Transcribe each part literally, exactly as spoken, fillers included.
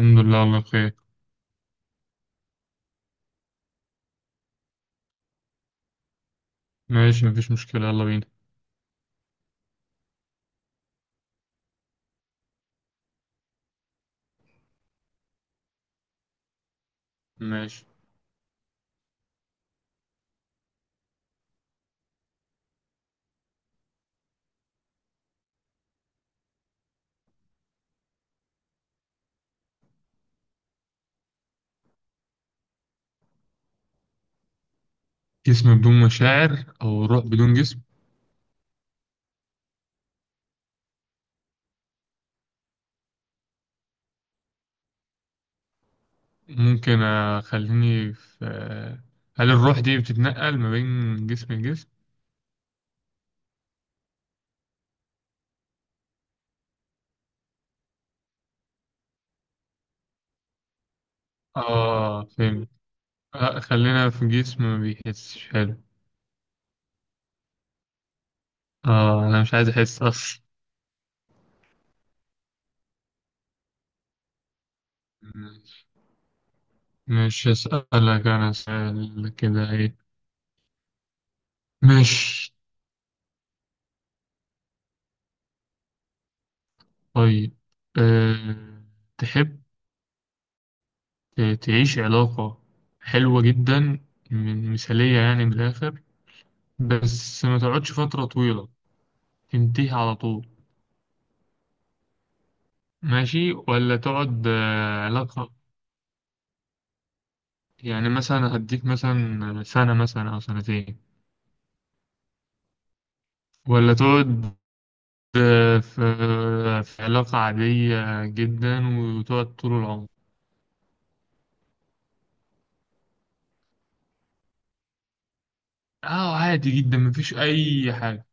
الحمد لله، الله بخير. ماشي، مفيش مشكلة، يلا بينا. ماشي. جسم بدون مشاعر أو روح بدون جسم؟ ممكن. أخليني في، هل الروح دي بتتنقل ما بين جسم لجسم؟ آه، فهمت. آه، خلينا في جسم ما بيحسش، حلو. آه، أنا مش عايز أحس أصلا. ماشي. مش أسألك أنا سؤال كده، إيه؟ ماشي. طيب. أه... تحب تعيش علاقة حلوة جدا، من مثالية يعني، بالآخر بس ما تقعدش فترة طويلة، تنتهي على طول؟ ماشي. ولا تقعد آه، علاقة، يعني مثلا هديك مثلا سنة مثلا أو سنتين، ولا تقعد آه، في في علاقة عادية جدا وتقعد طول العمر؟ اه، عادي جدا، مفيش أي حاجة.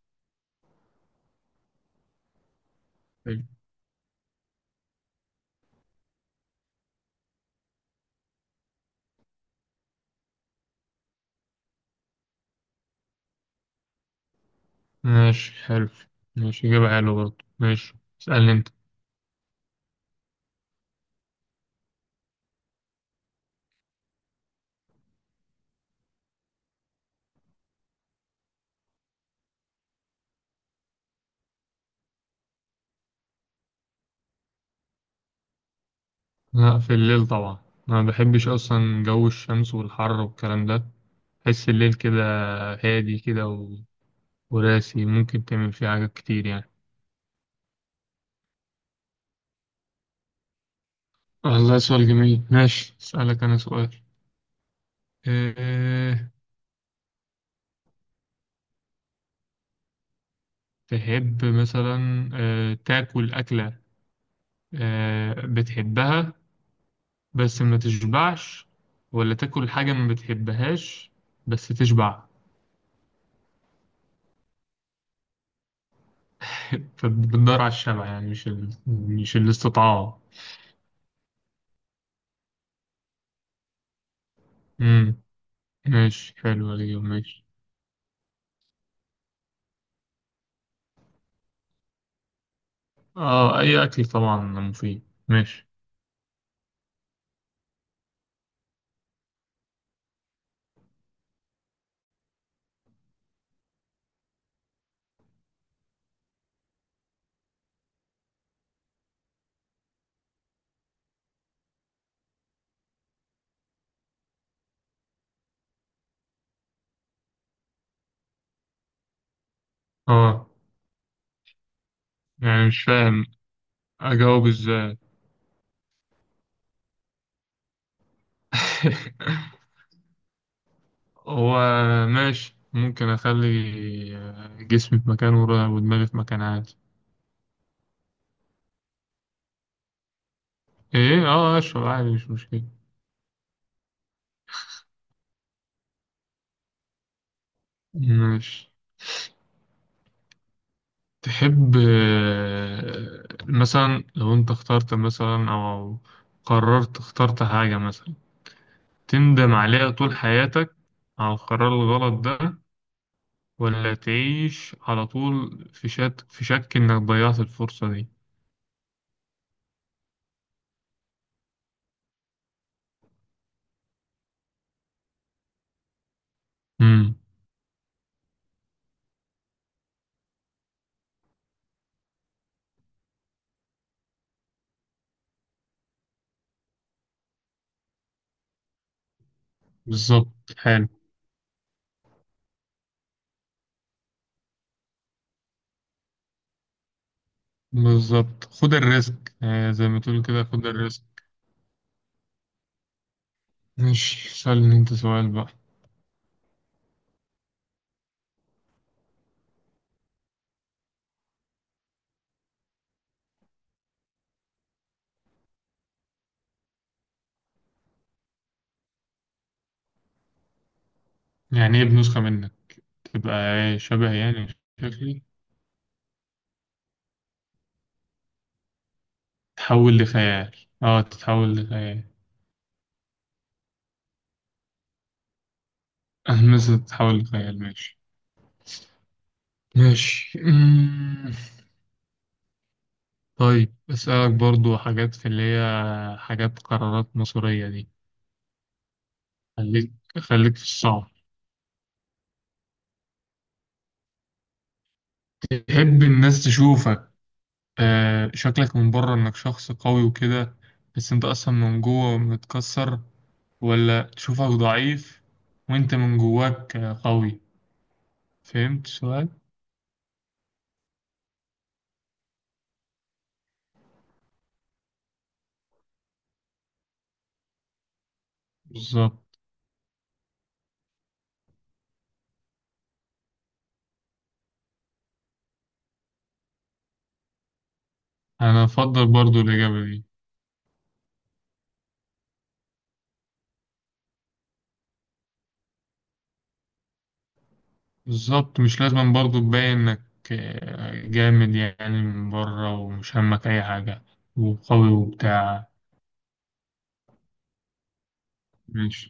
حلو. ماشي، حلو. ماشي، إجابة حلوة برضه، ماشي. اسألني أنت. لا، في الليل طبعا. أنا ما بحبش أصلا جو الشمس والحر والكلام ده. بحس الليل كده هادي كده، وراسي ممكن تعمل فيه حاجات كتير يعني. والله سؤال جميل. ماشي، أسألك أنا سؤال. أه، تحب مثلا أه تاكل أكلة أه بتحبها بس ما تشبعش، ولا تاكل حاجة ما بتحبهاش بس تشبع؟ فبتدور على الشبع يعني، مش ال... مش الاستطاعة. امم ماشي، حلو الإجابة، ماشي. اه، أي أكل طبعا مفيد، ماشي. اه، يعني مش فاهم أجاوب إزاي. هو، ماشي، ممكن اخلي آه، جسمي في مكان ورا- ودماغي في مكان، عادي. ايه، اه، اشرب عادي، مش مشكلة. ماشي. تحب آه، مثلا لو انت اخترت مثلا او قررت اخترت حاجة مثلا، تندم عليها طول حياتك على القرار الغلط ده، ولا تعيش على طول في شك، في شك انك ضيعت الفرصة دي؟ امم بالظبط، حلو. بالظبط، خد الريسك آه، زي ما تقول كده، خد الريسك. ماشي، سألني انت سؤال بقى. يعني ايه بنسخة منك؟ تبقى ايه، شبه يعني شكلي؟ تتحول لخيال؟ اه، تتحول لخيال. اه، مثلا تتحول لخيال، ماشي. ماشي. أمم، طيب أسألك برضو حاجات في اللي هي حاجات قرارات مصيرية دي. خليك، خليك في الصعب. تحب الناس تشوفك آه شكلك من بره انك شخص قوي وكده بس انت اصلا من جوه متكسر، ولا تشوفك ضعيف وانت من جواك قوي؟ فهمت السؤال؟ بالظبط. انا افضل برضو الاجابه دي. بالظبط، مش لازم برضو تبين انك آه، جامد يعني من بره، ومش همك اي حاجه وقوي وبتاع. ماشي.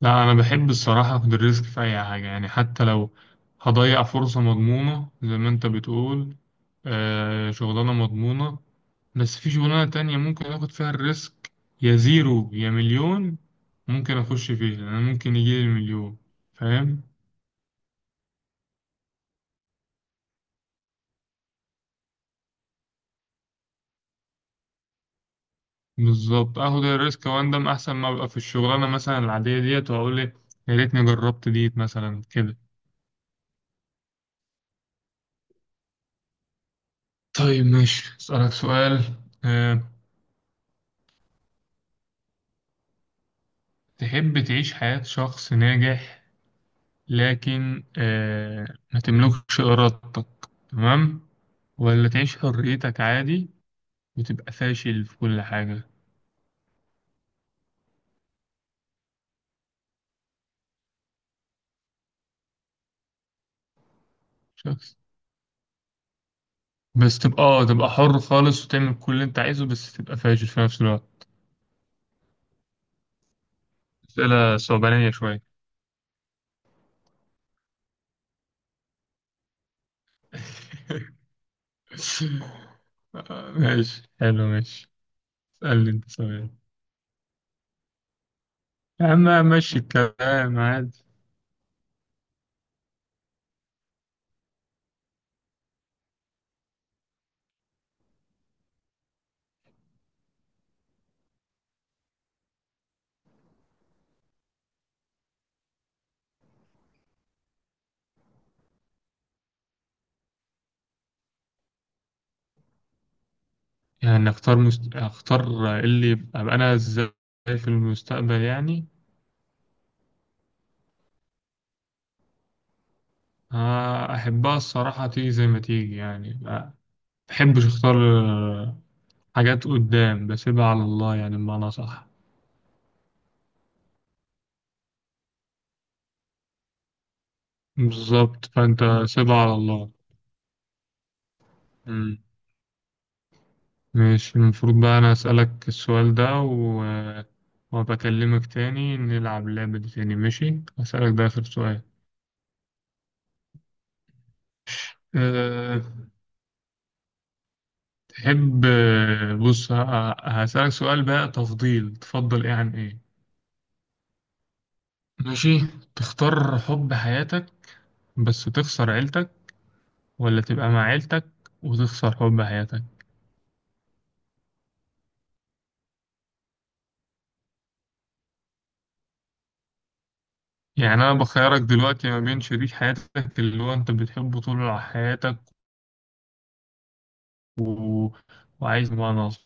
لا، أنا بحب الصراحة أخد الريسك في أي حاجة يعني، حتى لو هضيع فرصة مضمونة زي ما أنت بتقول. آه، شغلانة مضمونة بس في شغلانة تانية ممكن آخد فيها الريسك، يا زيرو يا مليون. ممكن أخش فيها أنا، ممكن يجيلي المليون، فاهم. بالظبط، آخد الريسك وأندم أحسن ما أبقى في الشغلانة مثلا العادية ديت وأقول لي يا ريتني جربت ديت مثلا كده. طيب، ماشي، أسألك سؤال. أه، تحب تعيش حياة شخص ناجح لكن آه ما تملكش إرادتك، تمام، ولا تعيش حريتك عادي وتبقى فاشل في كل حاجة؟ شخص، بس تبقى اه تبقى حر خالص وتعمل كل اللي انت عايزه بس تبقى فاشل في نفس الوقت. أسئلة صعبانية شوية. آه، ماشي، حلو، ماشي. اسألني انت سؤال يا عم، ماشي الكلام عادي. يعني اختار مست... اختار اللي يبقى أبقى انا ازاي في المستقبل يعني؟ آه، أحبها الصراحة تيجي زي ما تيجي، يعني ما بحبش أختار. آه، حاجات قدام بسيبها على الله، يعني بمعنى صح. بالظبط، فأنت سيبها على الله. مم. ماشي، المفروض بقى أنا أسألك السؤال ده، و... وبكلمك تاني نلعب اللعبة دي تاني، ماشي؟ هسألك ده آخر سؤال. أه... تحب آه، بص ه- هسألك سؤال بقى، تفضيل تفضل إيه عن إيه؟ ماشي. تختار حب حياتك بس تخسر عيلتك، ولا تبقى مع عيلتك وتخسر حب حياتك؟ يعني أنا بخيرك دلوقتي ما بين شريك حياتك اللي هو أنت بتحبه طول حياتك، و... وعايز بمعنى أصح.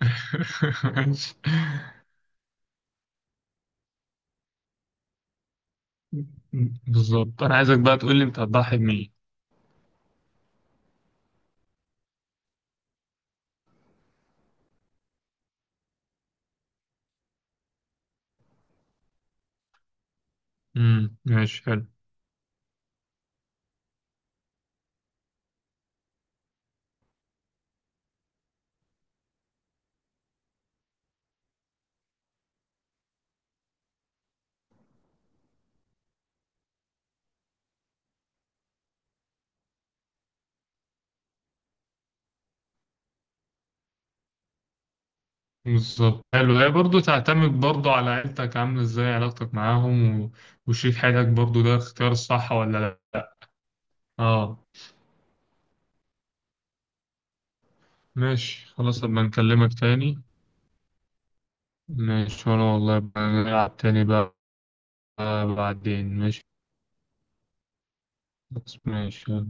ماشي. بالظبط، أنا عايزك بقى تقول لي أنت هتضحي بمين. امم ماشي، حلو. بالظبط، حلو. هي برضه تعتمد برضه على عيلتك عاملة إزاي علاقتك معاهم، و... وشريك حياتك برضه ده اختيار الصح ولا لأ. اه. ماشي، خلاص، أبقى نكلمك تاني. ماشي، وأنا والله بقى نلعب تاني بقى بعدين، ماشي. بس ماشي، يلا.